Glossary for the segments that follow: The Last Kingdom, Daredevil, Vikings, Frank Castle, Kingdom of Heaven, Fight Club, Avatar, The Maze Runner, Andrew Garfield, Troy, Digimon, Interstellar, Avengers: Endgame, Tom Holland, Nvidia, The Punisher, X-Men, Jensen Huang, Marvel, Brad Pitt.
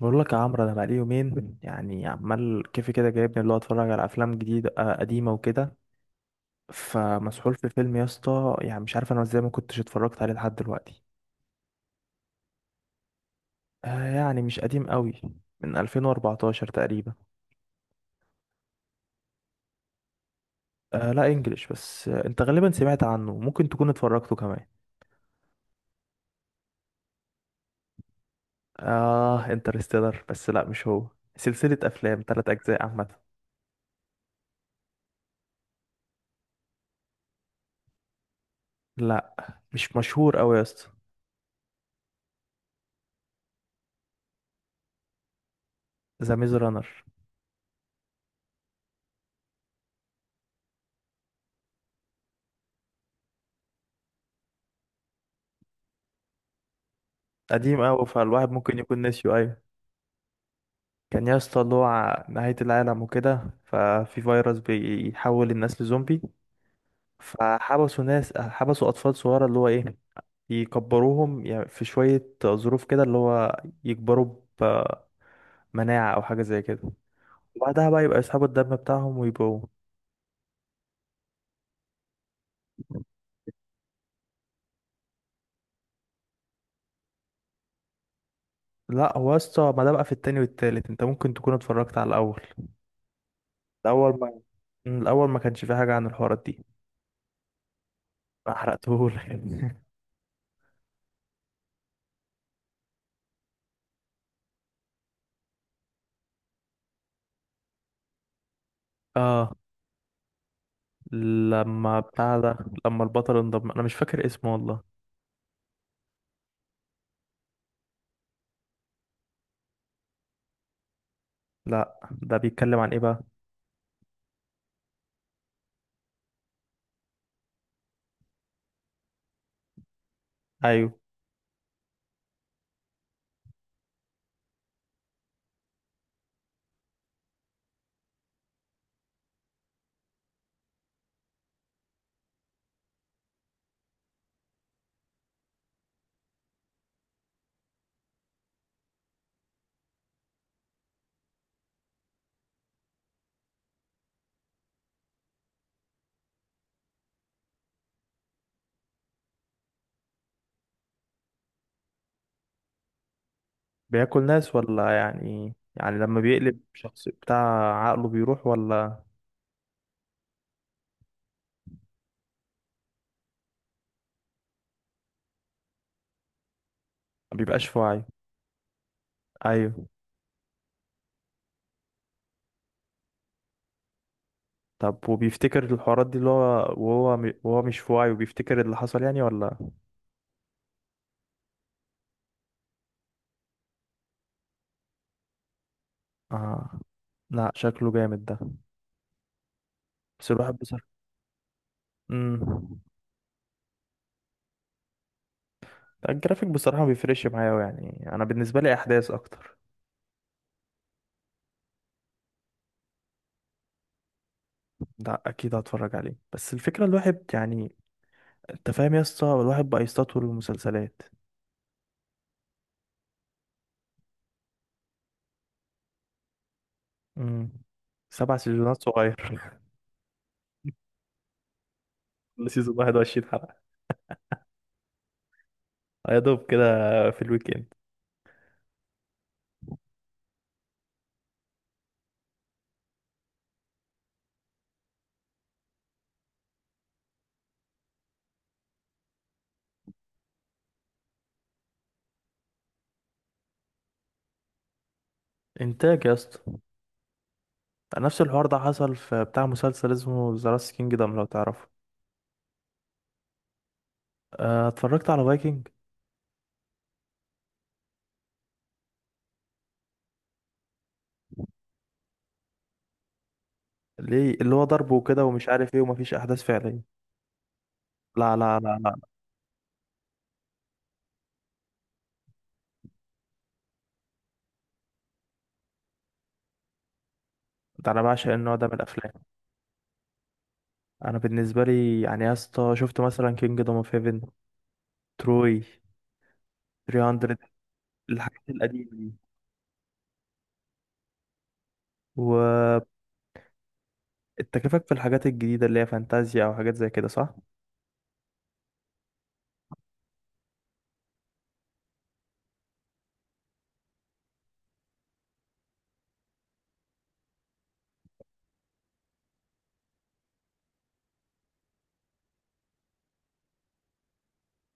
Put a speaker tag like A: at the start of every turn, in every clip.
A: بقول لك يا عمرو، انا بقالي يومين يعني عمال كيفي كده جايبني اللي هو اتفرج على افلام جديده، قديمه وكده. فمسحول في فيلم يا اسطى، يعني مش عارف انا ازاي ما كنتش اتفرجت عليه لحد دلوقتي. آه يعني مش قديم قوي. من 2014 تقريبا. آه لا انجليش بس. آه، انت غالبا سمعت عنه، ممكن تكون اتفرجته كمان. اه انترستيلر، بس لا مش هو. سلسله افلام ثلاث اجزاء عامه. لا مش مشهور قوي يا اسطى. ذا ميز رانر. قديم قوي، فالواحد ممكن يكون ناسيه. ايوه، كان يا اسطى اللي هو نهاية العالم وكده، ففي فيروس بيحول الناس لزومبي. فحبسوا ناس، حبسوا أطفال صغيرة اللي هو إيه، يكبروهم يعني في شوية ظروف كده اللي هو يكبروا بمناعة أو حاجة زي كده. وبعدها بقى يبقى يسحبوا الدم بتاعهم ويبقوا. لا هو يا اسطى، ما ده بقى في التاني والتالت، انت ممكن تكون اتفرجت على الأول. الأول ما، الأول ما كانش فيه حاجة عن الحوارات دي. ما حرقتهولك اه لما بتاع ده، لما البطل انضم انا مش فاكر اسمه والله. لا ده بيتكلم عن ايه بقى؟ ايوه. بياكل ناس ولا يعني، يعني لما بيقلب شخص بتاع عقله بيروح ولا؟ ما بيبقاش في وعيه. ايوه. طب وبيفتكر الحوارات دي اللي هو وهو وهو مش في وعيه وبيفتكر اللي حصل يعني، ولا؟ اه لا شكله جامد ده. بس الواحد بصراحة. امم. الجرافيك بصراحة ما بيفرقش معايا أوي، يعني انا بالنسبة لي احداث اكتر. لا اكيد هتفرج عليه، بس الفكرة الواحد يعني، انت فاهم يا اسطى، الواحد بقى يستطول المسلسلات. امم. سبع سيزونات صغير كل سيزون 21 حلقة؟ يا دوب كده. في الويكند. انتاج يا اسطى. نفس الحوار ده حصل في بتاع مسلسل اسمه ذا لاست كينجدم لو تعرفه. اه، اتفرجت على فايكنج؟ ليه، اللي هو ضرب وكده ومش عارف ايه ومفيش احداث فعليه؟ لا، لا، لا، لا، ده انا بعشق النوع ده من الافلام. انا بالنسبه لي يعني يا اسطى، شفت مثلا كينجدم اوف هيفن، تروي، 300، الحاجات القديمه دي و... انت كيفك في الحاجات الجديدة اللي هي فانتازيا او حاجات زي كده، صح؟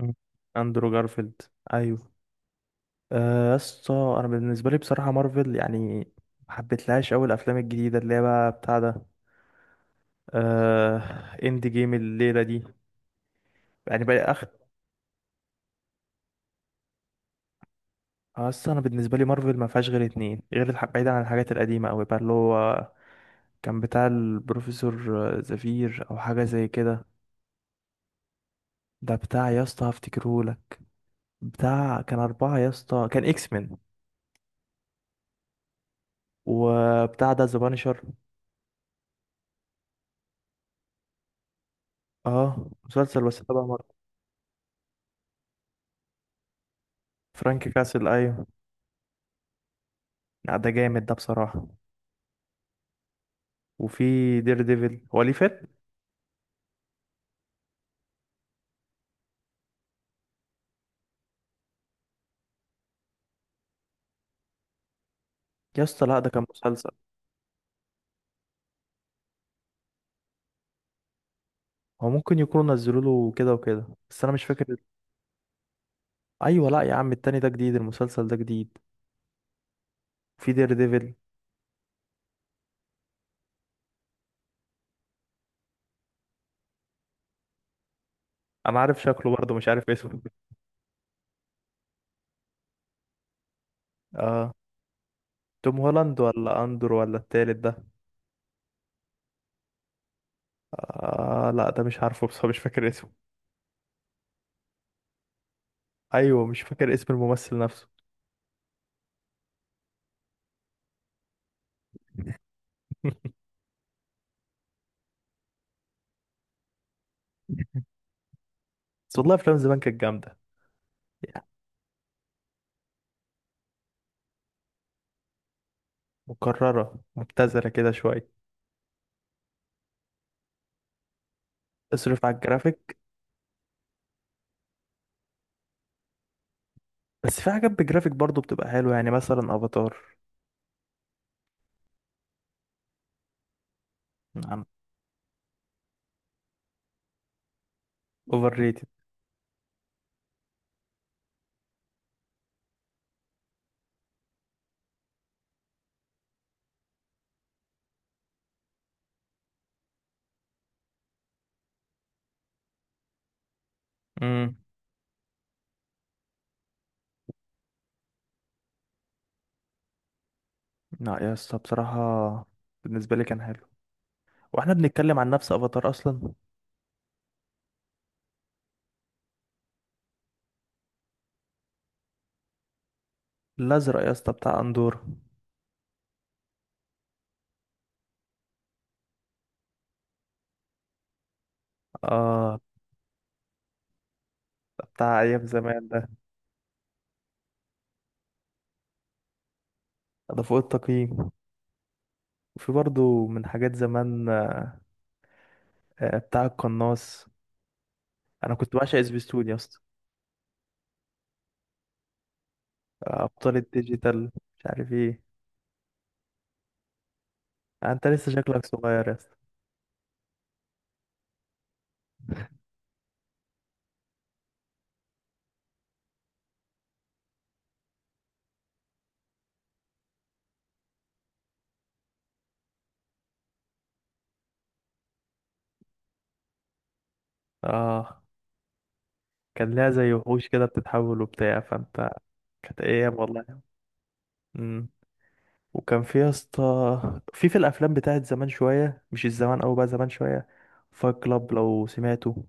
A: مم. اندرو جارفيلد. ايوه. يا اسطى، انا بالنسبة لي بصراحة مارفل يعني ما حبيتلهاش اوي. الافلام الجديدة اللي هي بقى بتاع ده، آه، اند جيم الليلة دي، يعني بقى اخ. اصل انا بالنسبة لي مارفل ما فيهاش غير اتنين، غير الح، بعيدا عن الحاجات القديمة اوي بقى، اللي هو كان بتاع البروفيسور زفير او حاجة زي كده. ده بتاع يا اسطى هفتكرهولك. بتاع كان أربعة يا اسطى، كان اكس مان. وبتاع ده ذا بانشر. اه مسلسل بس تبع مارفل. فرانك كاسل ايوه. لا ده جامد ده بصراحة. وفي دير ديفل. هو ليه فيلم؟ يا اسطى لا ده كان مسلسل. هو ممكن يكونوا نزلوا له كده وكده بس انا مش فاكر. ايوه لا يا عم، التاني ده جديد، المسلسل ده جديد. في دير ديفل. انا عارف شكله برضه، مش عارف اسمه. اه. توم هولاند ولا اندر ولا التالت ده؟ آه لا ده مش عارفه، بس مش فاكر اسمه. ايوه مش فاكر اسم الممثل نفسه. بس والله افلام زمان كانت جامدة. يعني مكررة مبتذلة كده شوية. اصرف على الجرافيك. بس في حاجات بجرافيك برضو بتبقى حلوة، يعني مثلا افاتار. نعم. اوفر ريتد. امم. لا يا اسطى بصراحة، بالنسبة لي كان حلو. واحنا بنتكلم عن نفس افاتار اصلا. الازرق يا اسطى بتاع اندورا. اه بتاع ايام زمان ده. ده فوق التقييم. وفي برضو من حاجات زمان، بتاع القناص. انا كنت بعشق سبيستون يا اسطى. ابطال الديجيتال، مش عارف ايه. انت لسه شكلك صغير يا اسطى. اه كان لها زي وحوش كده بتتحول وبتاع فانت. كانت ايام والله. امم. وكان في يا اسطى في الافلام بتاعت زمان شويه، مش الزمان او بقى زمان شويه. فايت كلاب لو سمعته.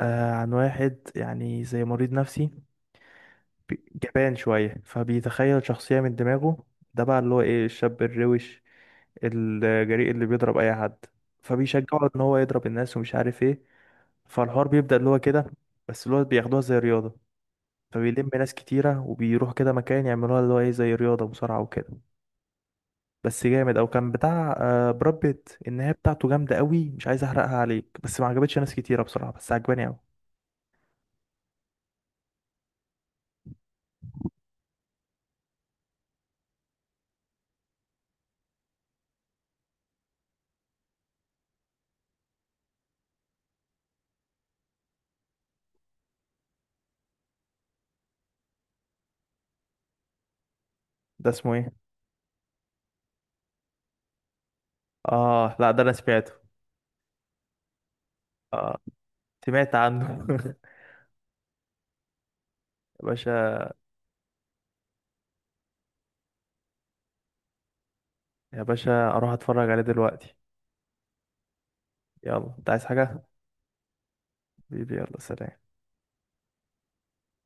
A: آه، عن واحد يعني زي مريض نفسي. جبان شويه، فبيتخيل شخصيه من دماغه. ده بقى اللي هو ايه، الشاب الروش الجريء اللي بيضرب اي حد. فبيشجعه ان هو يضرب الناس ومش عارف ايه. فالحوار بيبدا اللي هو كده، بس اللي هو بياخدوها زي رياضه. فبيلم ناس كتيره وبيروح كده مكان يعملوها اللي هو ايه زي رياضه مصارعه وكده. بس جامد. او كان بتاع براد بيت. النهايه بتاعته جامده قوي، مش عايز احرقها عليك، بس ما عجبتش ناس كتيره بصراحه، بس عجباني قوي. ده اسمه ايه؟ اه لا ده انا سمعته. اه سمعت عنه يا باشا. يا باشا اروح اتفرج عليه دلوقتي. يلا انت عايز حاجه؟ حبيبي. يلا سلام.